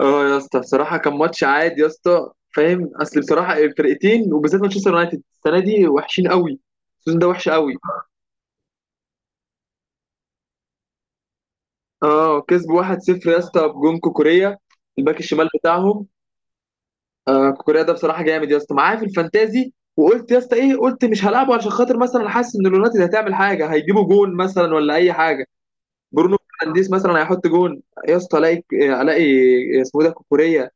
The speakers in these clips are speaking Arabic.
اه، يا اسطى بصراحه كان ماتش عادي يا اسطى. فاهم؟ اصل بصراحه الفرقتين وبالذات مانشستر يونايتد السنه دي وحشين قوي. السيزون ده وحش قوي. اه، كسبوا 1-0. يا اسطى بجون كوكوريا، الباك الشمال بتاعهم. آه كوكوريا ده بصراحه جامد يا اسطى، معاه في الفانتازي، وقلت يا اسطى ايه، قلت مش هلعبه عشان خاطر مثلا حاسس ان اليونايتد هتعمل حاجه، هيجيبوا جون مثلا ولا اي حاجه. برونو فرنانديز مثلا هيحط جون. يا اسطى الاقي اسمه إيه ده كوكوريا،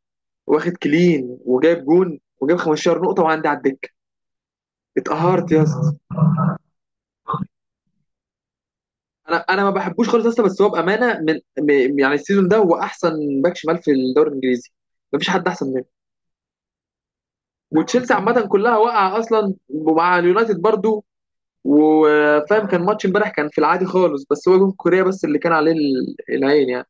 واخد كلين وجايب جون وجايب 15 نقطه، وعندي على الدكه. اتقهرت يا اسطى. انا ما بحبوش خالص يا اسطى، بس هو بامانه، من يعني السيزون ده هو احسن باك شمال في الدوري الانجليزي. مفيش حد احسن منه. وتشيلسي عامه كلها واقعه اصلا، ومع اليونايتد برضو. وفاهم كان ماتش امبارح كان في العادي خالص، بس هو جون كوريا بس اللي كان عليه العين يعني.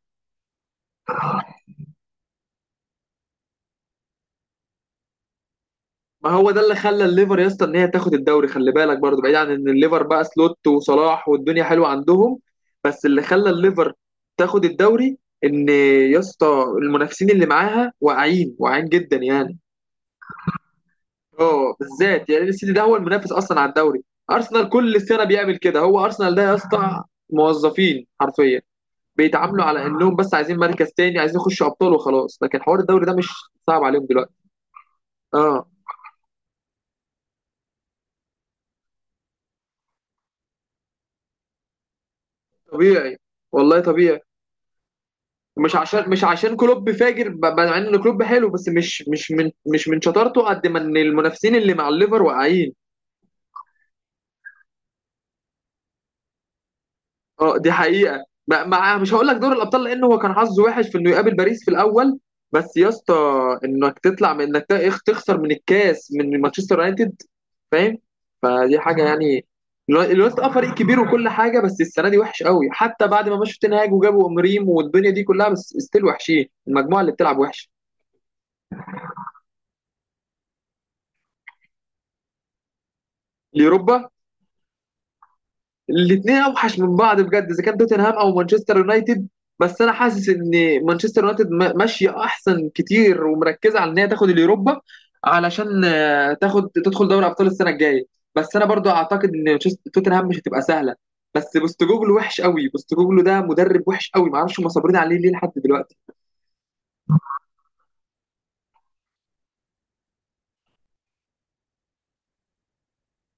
ما هو ده اللي خلى الليفر يا اسطى ان هي تاخد الدوري. خلي بالك برضه، بعيد عن ان الليفر بقى سلوت وصلاح والدنيا حلوه عندهم، بس اللي خلى الليفر تاخد الدوري ان، يا اسطى المنافسين اللي معاها واعيين واعيين جدا يعني. اه بالذات يعني السيتي ده هو المنافس اصلا على الدوري. ارسنال كل سنه بيعمل كده، هو ارسنال ده يا اسطى موظفين حرفيا. بيتعاملوا على انهم بس عايزين مركز تاني، عايزين يخشوا ابطال وخلاص، لكن حوار الدوري ده مش صعب عليهم دلوقتي. اه طبيعي، والله طبيعي. مش عشان كلوب فاجر، مع ان كلوب حلو، بس مش من شطارته، قد ما ان المنافسين اللي مع الليفر واقعين. اه دي حقيقه. مع، مش هقول لك دور الابطال لان هو كان حظه وحش في انه يقابل باريس في الاول، بس يا اسطى انك تطلع، من انك تخسر من الكاس من مانشستر يونايتد، فاهم؟ فدي حاجه يعني. الوقت اه، فريق كبير وكل حاجه، بس السنه دي وحش قوي، حتى بعد ما مشوا تنهاج وجابوا امريم والدنيا دي كلها، بس ستيل وحشين، المجموعه اللي بتلعب وحش. اليوروبا، الاثنين اوحش من بعض بجد اذا كان توتنهام او مانشستر يونايتد. بس انا حاسس ان مانشستر يونايتد ماشيه احسن كتير، ومركزه على ان هي تاخد اليوروبا، علشان تاخد، تدخل دوري ابطال السنه الجايه. بس انا برضو اعتقد ان توتنهام مش هتبقى سهله. بس بوستوجوجلو وحش قوي، بوستوجوجلو ده مدرب وحش قوي، ما اعرفش هم صابرين عليه ليه لحد دلوقتي.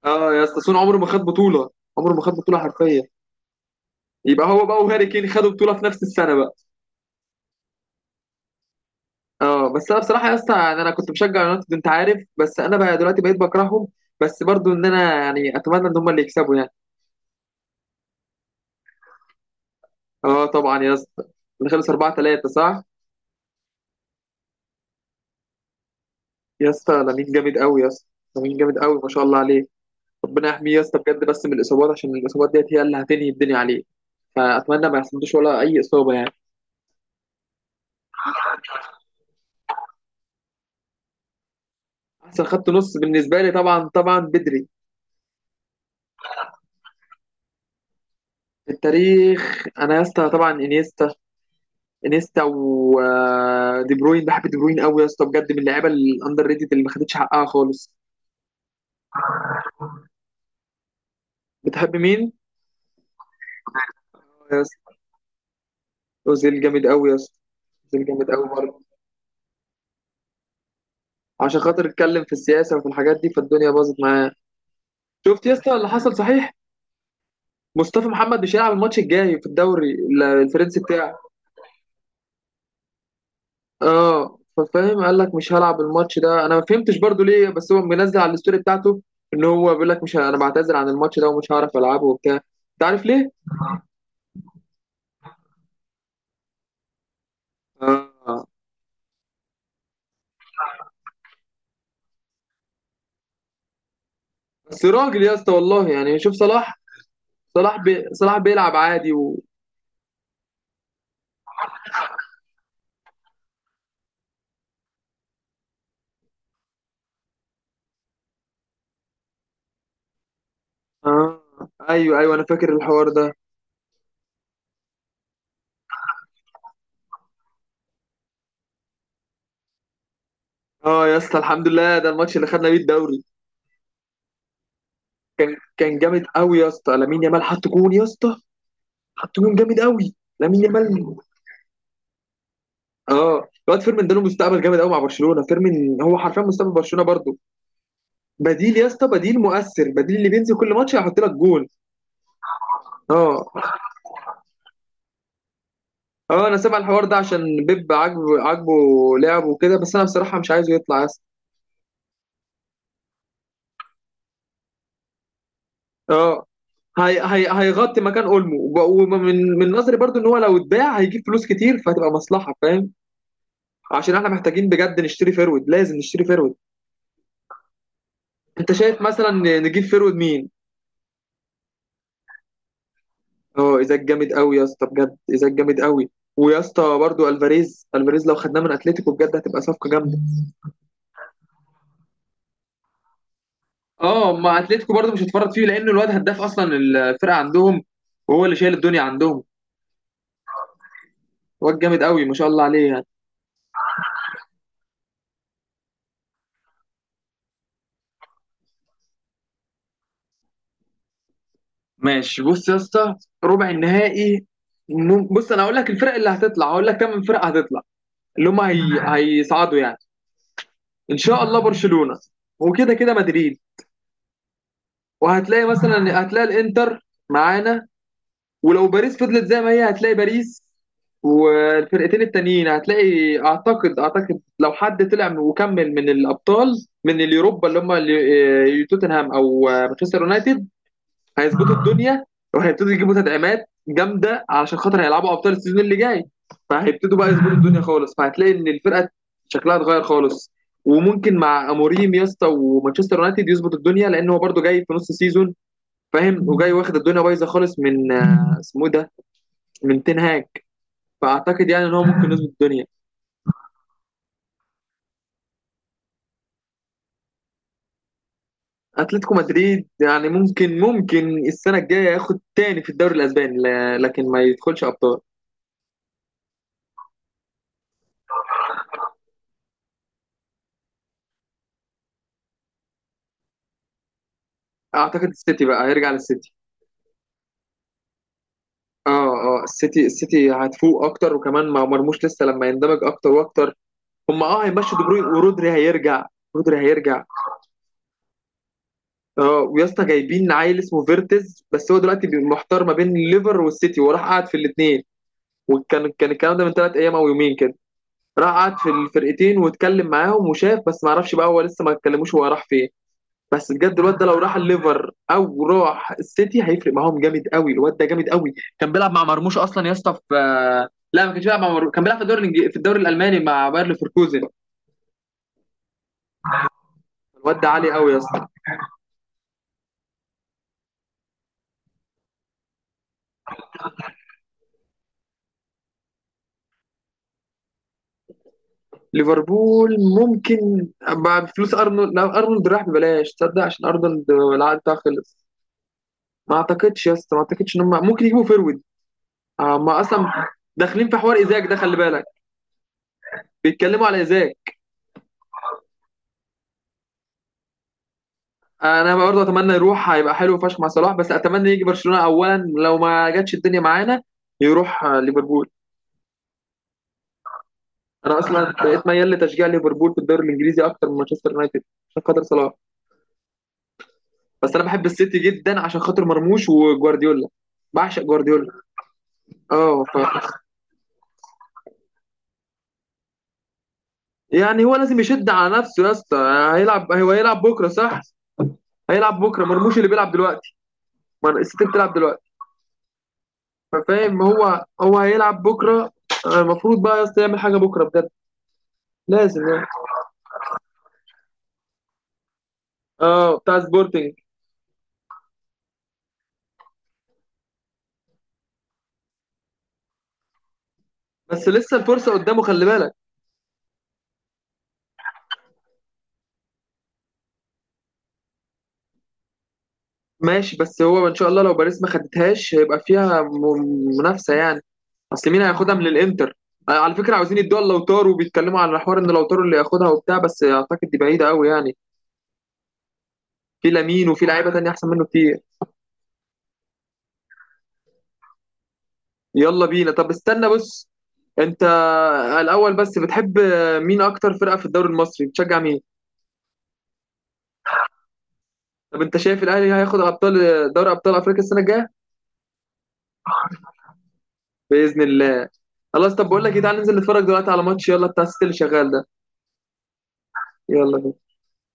اه يا اسطى سون عمره ما خد بطوله، عمره ما خد بطوله حرفيا. يبقى هو بقى وهاري كين خدوا بطوله في نفس السنه بقى. اه بس انا بصراحه يا اسطى، يعني انا كنت بشجع يونايتد انت عارف، بس انا بقى دلوقتي بقيت بكرههم. بس برضو ان انا يعني اتمنى ان هم اللي يكسبوا يعني. اه طبعا يا اسطى. اللي خلص 4-3 صح؟ يا اسطى لامين جامد قوي يا اسطى. لامين جامد قوي ما شاء الله عليه. ربنا يحميه يا اسطى بجد، بس من الاصابات، عشان الاصابات ديت هي اللي هتنهي الدنيا عليه. فاتمنى ما يحصلوش ولا اي اصابه يعني. احسن خط نص بالنسبه لي، طبعا طبعا بدري، في التاريخ، انا يا اسطى طبعا انيستا. انيستا ودي بروين. بحب دي بروين قوي يا اسطى بجد، من اللعيبه الاندر ريتد اللي ما خدتش حقها خالص. بتحب مين؟ يا اسطى اوزيل جامد قوي يا اسطى. اوزيل جامد قوي برضه. عشان خاطر اتكلم في السياسه وفي الحاجات دي، فالدنيا باظت معاه. شفت يا اسطى اللي حصل صحيح؟ مصطفى محمد مش هيلعب الماتش الجاي في الدوري الفرنسي بتاعه. اه ففاهم، قال لك مش هلعب الماتش ده. انا ما فهمتش برضه ليه، بس هو منزل على الستوري بتاعته ان هو بيقول لك، مش ه- انا بعتذر عن الماتش ده ومش هعرف العبه وبتاع. انت عارف ليه؟ اه، بس راجل يا اسطى والله يعني. شوف صلاح، صلاح بي صلاح بيلعب عادي آه. ايوه ايوه، انا فاكر الحوار ده. اه يا اسطى الحمد لله، ده الماتش اللي خدنا بيه الدوري. كان جامد قوي يا اسطى. لامين يامال حط جون يا اسطى. حط جون جامد قوي لامين يامال. اه الواد فيرمين ده له مستقبل جامد قوي مع برشلونه. فيرمين هو حرفيا مستقبل برشلونه برضه. بديل يا اسطى، بديل مؤثر، بديل اللي بينزل كل ماتش هيحط لك جون. اه، اه انا سامع الحوار ده عشان بيب عاجبه عاجبه لعبه وكده، بس انا بصراحه مش عايزه يطلع يا اسطى. اه هي هيغطي مكان اولمو، ومن نظري برضو ان هو لو اتباع هيجيب فلوس كتير فهتبقى مصلحه فاهم. عشان احنا محتاجين بجد نشتري فيرود، لازم نشتري فيرود. انت شايف مثلا نجيب فيرود مين؟ اه، ايزاك جامد قوي يا اسطى بجد. ايزاك جامد قوي. ويا اسطى برضو الفاريز، الفاريز لو خدناه من اتلتيكو بجد هتبقى صفقه جامده. اه، ما اتلتيكو برضو مش هتفرط فيه، لانه الواد هداف اصلا الفرقه عندهم، وهو اللي شايل الدنيا عندهم. واد جامد قوي ما شاء الله عليه. ماشي، بص يا اسطى. ربع النهائي، بص انا هقول لك الفرق اللي هتطلع، هقول لك كام فرقه هتطلع، اللي هم هيصعدوا يعني. ان شاء الله برشلونه، وكده كده مدريد، وهتلاقي مثلا هتلاقي الانتر معانا. ولو باريس فضلت زي ما هي هتلاقي باريس. والفرقتين التانيين هتلاقي، اعتقد لو حد طلع وكمل من الابطال من اليوروبا اللي هم توتنهام او مانشستر يونايتد، هيظبطوا الدنيا وهيبتدوا يجيبوا تدعيمات جامده، علشان خاطر هيلعبوا ابطال السيزون اللي جاي. فهيبتدوا بقى يظبطوا الدنيا خالص، فهتلاقي ان الفرقه شكلها اتغير خالص. وممكن مع اموريم يا اسطى ومانشستر يونايتد يظبط الدنيا، لان هو برده جاي في نص سيزون فاهم، وجاي واخد الدنيا بايظه خالص من اسمه إيه ده، من تين هاج. فاعتقد يعني ان هو ممكن يظبط الدنيا. اتلتيكو مدريد يعني ممكن السنه الجايه ياخد تاني في الدوري الاسباني، لكن ما يدخلش ابطال. اعتقد السيتي بقى، هيرجع للسيتي. اه، اه السيتي هتفوق اكتر، وكمان مع مرموش لسه لما يندمج اكتر واكتر. هم اه هيمشوا دي بروين، ورودري هيرجع. رودري هيرجع. اه، ويا اسطى جايبين عيل اسمه فيرتز، بس هو دلوقتي محتار ما بين الليفر والسيتي، وراح قعد في الاثنين. وكان الكلام ده من 3 ايام او يومين كده. راح قعد في الفرقتين واتكلم معاهم وشاف، بس ما اعرفش بقى هو لسه ما اتكلموش هو راح فين. بس بجد الواد ده لو راح الليفر او راح السيتي هيفرق معاهم جامد قوي. الواد ده جامد قوي، كان بيلعب مع مرموش اصلا يا اسطى في، لا ما كانش بيلعب مع مرموش، كان بيلعب في الدوري الالماني مع باير ليفركوزن. الواد ده عالي قوي يا اسطى. ليفربول ممكن مع فلوس ارنولد، لو ارنولد راح ببلاش تصدق، عشان ارنولد العقد بتاعه خلص. ما اعتقدش يا اسطى، ما اعتقدش ان هم ممكن يجيبوا فيرويد. ما اصلا داخلين في حوار ايزاك ده خلي بالك. بيتكلموا على ايزاك. انا برضه اتمنى يروح، هيبقى حلو فشخ مع صلاح، بس اتمنى يجي برشلونه اولا. لو ما جاتش الدنيا معانا يروح ليفربول. انا اصلا بقيت ميال لتشجيع ليفربول في الدوري الانجليزي اكتر من مانشستر يونايتد، عشان خاطر صلاح. بس انا بحب السيتي جدا عشان خاطر مرموش وجوارديولا. بعشق جوارديولا. اه يعني هو لازم يشد على نفسه يا اسطى. هو هيلعب بكره صح؟ هيلعب بكره مرموش اللي بيلعب دلوقتي، ما السيتي بتلعب دلوقتي. فاهم، هو هيلعب بكره. المفروض بقى يا اسطى يعمل حاجه بكره بجد، لازم يعني. اه بتاع سبورتنج. بس لسه الفرصه قدامه خلي بالك. ماشي، بس هو ان شاء الله لو باريس ما خدتهاش هيبقى فيها منافسه يعني. اصل مين هياخدها من الانتر؟ على فكره عاوزين يدوها لوتارو، وبيتكلموا على حوار ان لوتارو اللي ياخدها وبتاع، بس اعتقد دي بعيده قوي يعني. في لامين وفي لعيبه تانية احسن منه كتير. يلا بينا، طب استنى بص. انت الاول بس، بتحب مين، اكتر فرقه في الدوري المصري بتشجع مين؟ طب انت شايف الاهلي هياخد ابطال، دوري ابطال افريقيا السنه الجايه؟ باذن الله. خلاص، طب بقول لك ايه، تعالى ننزل نتفرج دلوقتي على ماتش يلا بتاع الست اللي شغال ده. يلا بينا.